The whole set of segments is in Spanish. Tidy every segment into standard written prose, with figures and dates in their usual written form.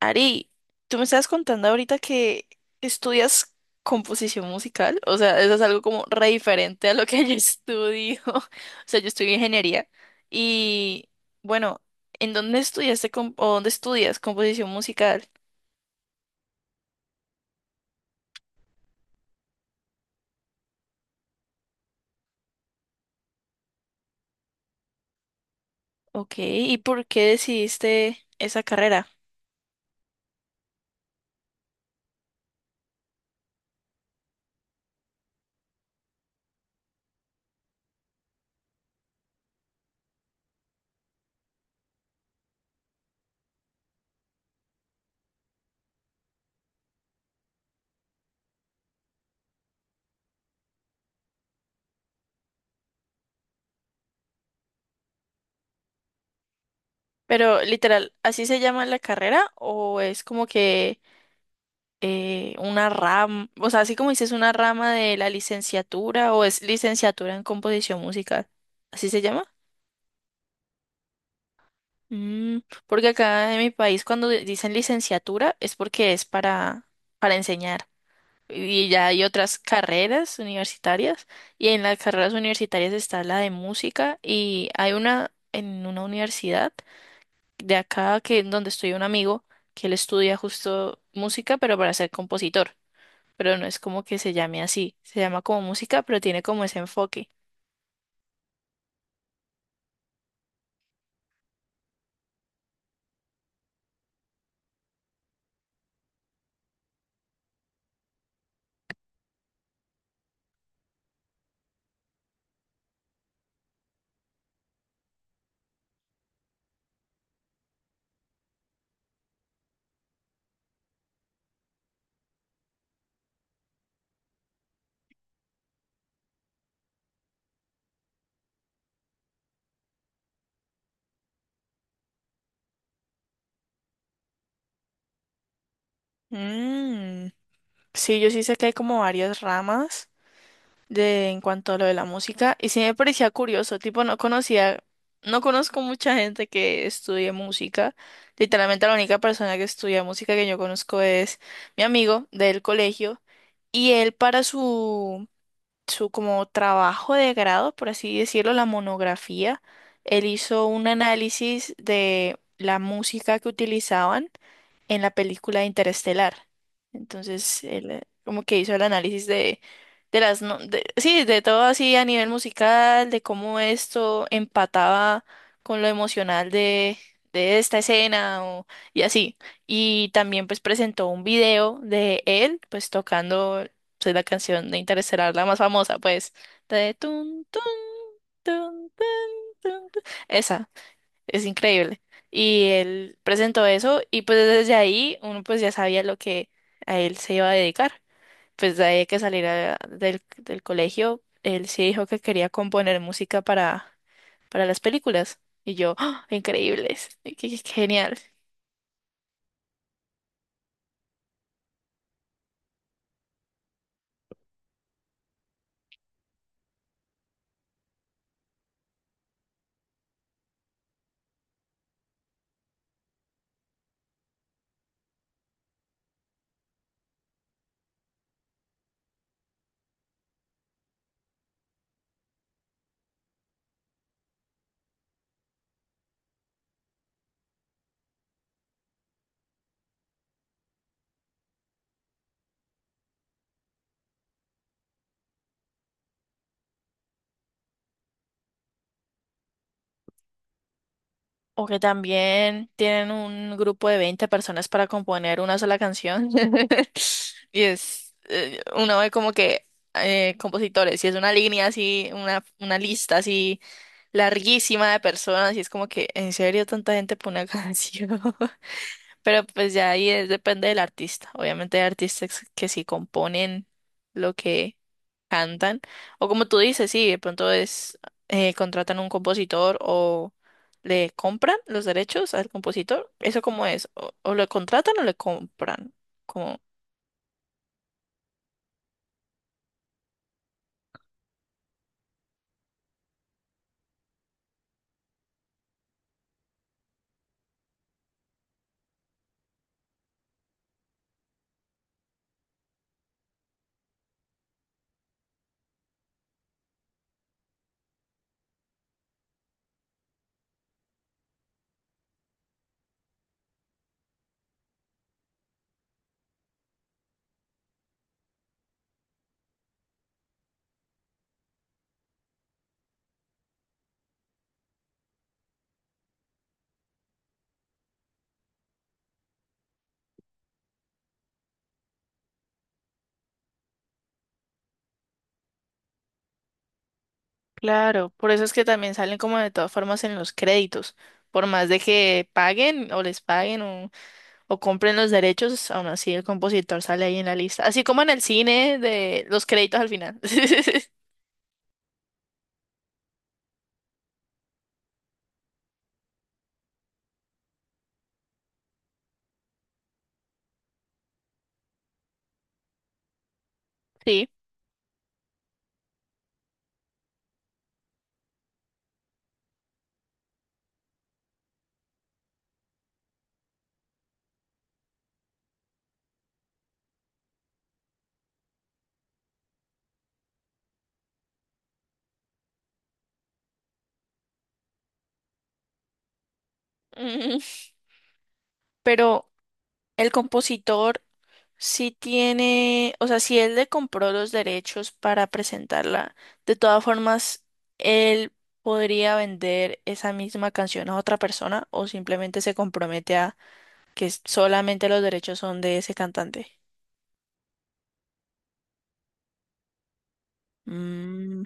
Ari, tú me estabas contando ahorita que estudias composición musical, o sea, eso es algo como re diferente a lo que yo estudio. O sea, yo estudio ingeniería y bueno, ¿en dónde estudiaste o dónde estudias composición musical? Ok, ¿y por qué decidiste esa carrera? Pero literal, ¿así se llama la carrera o es como que una rama, o sea, así como dices, una rama de la licenciatura o es licenciatura en composición musical? ¿Así se llama? Mm, Porque acá en mi país cuando dicen licenciatura es porque es para enseñar. Y ya hay otras carreras universitarias, y en las carreras universitarias está la de música, y hay una en una universidad de acá que donde estudia un amigo, que él estudia justo música pero para ser compositor. Pero no es como que se llame así. Se llama como música, pero tiene como ese enfoque. Mm, sí, yo sí sé que hay como varias ramas de en cuanto a lo de la música, y sí me parecía curioso, tipo no conocía, no conozco mucha gente que estudie música. Literalmente la única persona que estudia música que yo conozco es mi amigo del colegio, y él para su como trabajo de grado, por así decirlo, la monografía, él hizo un análisis de la música que utilizaban en la película de Interestelar. Entonces, él como que hizo el análisis de, sí, de todo así a nivel musical, de cómo esto empataba con lo emocional de esta escena y así. Y también pues presentó un video de él pues tocando pues, la canción de Interestelar, la más famosa pues, de tun, tun, tun, tun, tun, tun. Esa. Es increíble. Y él presentó eso y pues desde ahí uno pues ya sabía lo que a él se iba a dedicar. Pues de ahí que saliera del colegio, él sí dijo que quería componer música para las películas. Y yo, ¡ah! Increíbles, qué, qué genial. O que también tienen un grupo de 20 personas para componer una sola canción. Y es, uno ve como que compositores, y es una línea así, una lista así larguísima de personas, y es como que, ¿en serio tanta gente pone una canción? Pero pues ya ahí depende del artista. Obviamente hay artistas que sí componen lo que cantan. O como tú dices, sí, de pronto es, contratan un compositor o le compran los derechos al compositor. ¿Eso cómo es? ¿O lo contratan o le compran? Como... Claro, por eso es que también salen como de todas formas en los créditos. Por más de que paguen o les paguen o compren los derechos, aún así el compositor sale ahí en la lista. Así como en el cine de los créditos al final. Sí. Mm, Pero el compositor sí tiene, o sea, si él le compró los derechos para presentarla, de todas formas, él podría vender esa misma canción a otra persona, o simplemente se compromete a que solamente los derechos son de ese cantante. Mm,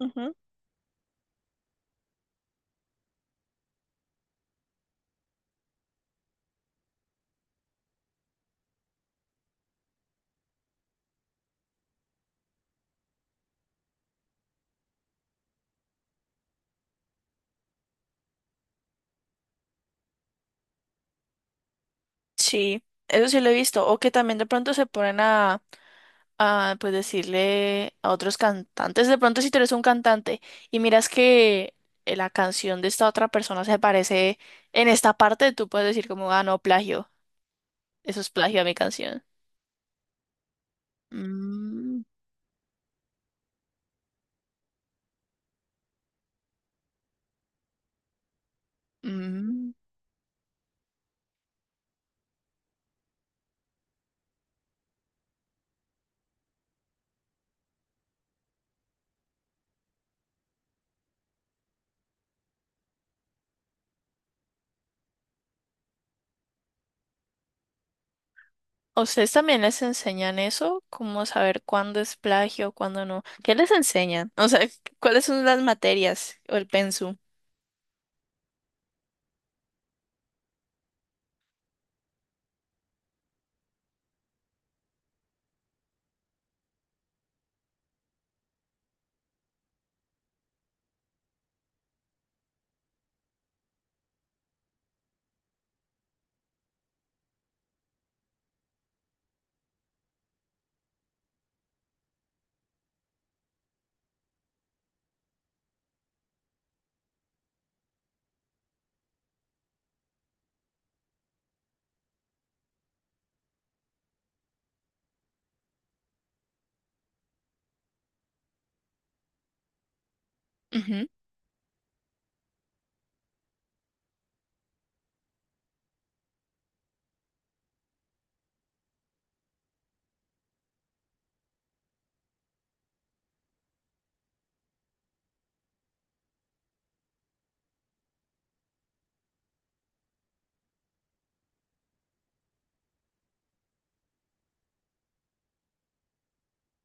ujú. Sí, eso sí lo he visto. O que también de pronto se ponen a pues decirle a otros cantantes, de pronto si tú eres un cantante y miras que la canción de esta otra persona se parece en esta parte, tú puedes decir como, ah, no, plagio, eso es plagio a mi canción. Mm, mm. ¿A ¿Ustedes también les enseñan eso? ¿Cómo saber cuándo es plagio, cuándo no? ¿Qué les enseñan? O sea, ¿cuáles son las materias o el pensum?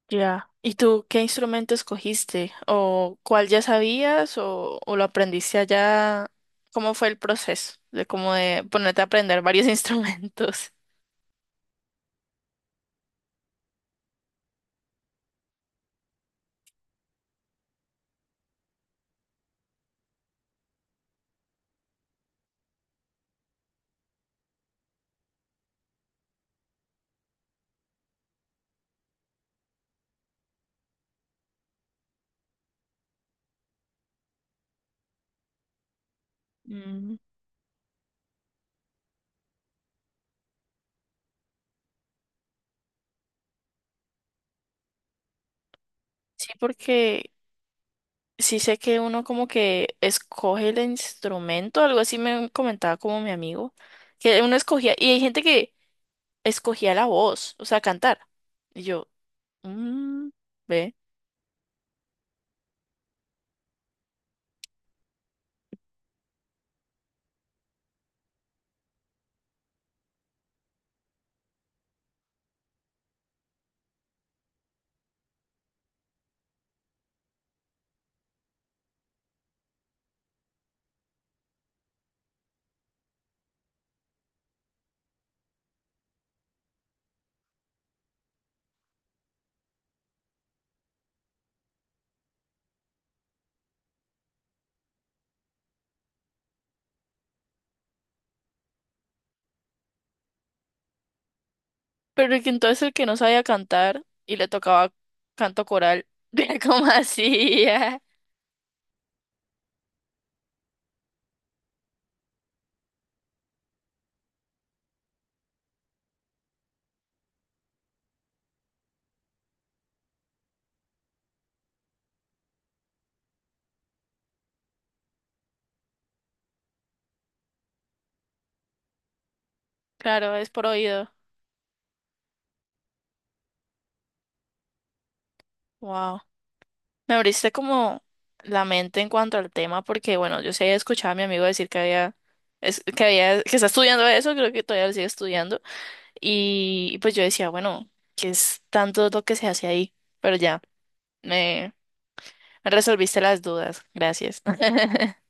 Ya. ¿Y tú qué instrumento escogiste? ¿O cuál ya sabías, o lo aprendiste allá? ¿Cómo fue el proceso de cómo de ponerte a aprender varios instrumentos? Mm, sí, porque sí sé que uno como que escoge el instrumento, algo así me comentaba como mi amigo, que uno escogía, y hay gente que escogía la voz, o sea, cantar. Y yo, mmm, pero que entonces el que no sabía cantar y le tocaba canto coral, vea cómo hacía. Claro, es por oído. Wow. Me abriste como la mente en cuanto al tema, porque bueno, yo sí había escuchado a mi amigo decir que había, que está estudiando eso, creo que todavía lo sigue estudiando. Y pues yo decía, bueno, ¿que es tanto lo que se hace ahí? Pero ya, me, me resolviste las dudas. Gracias.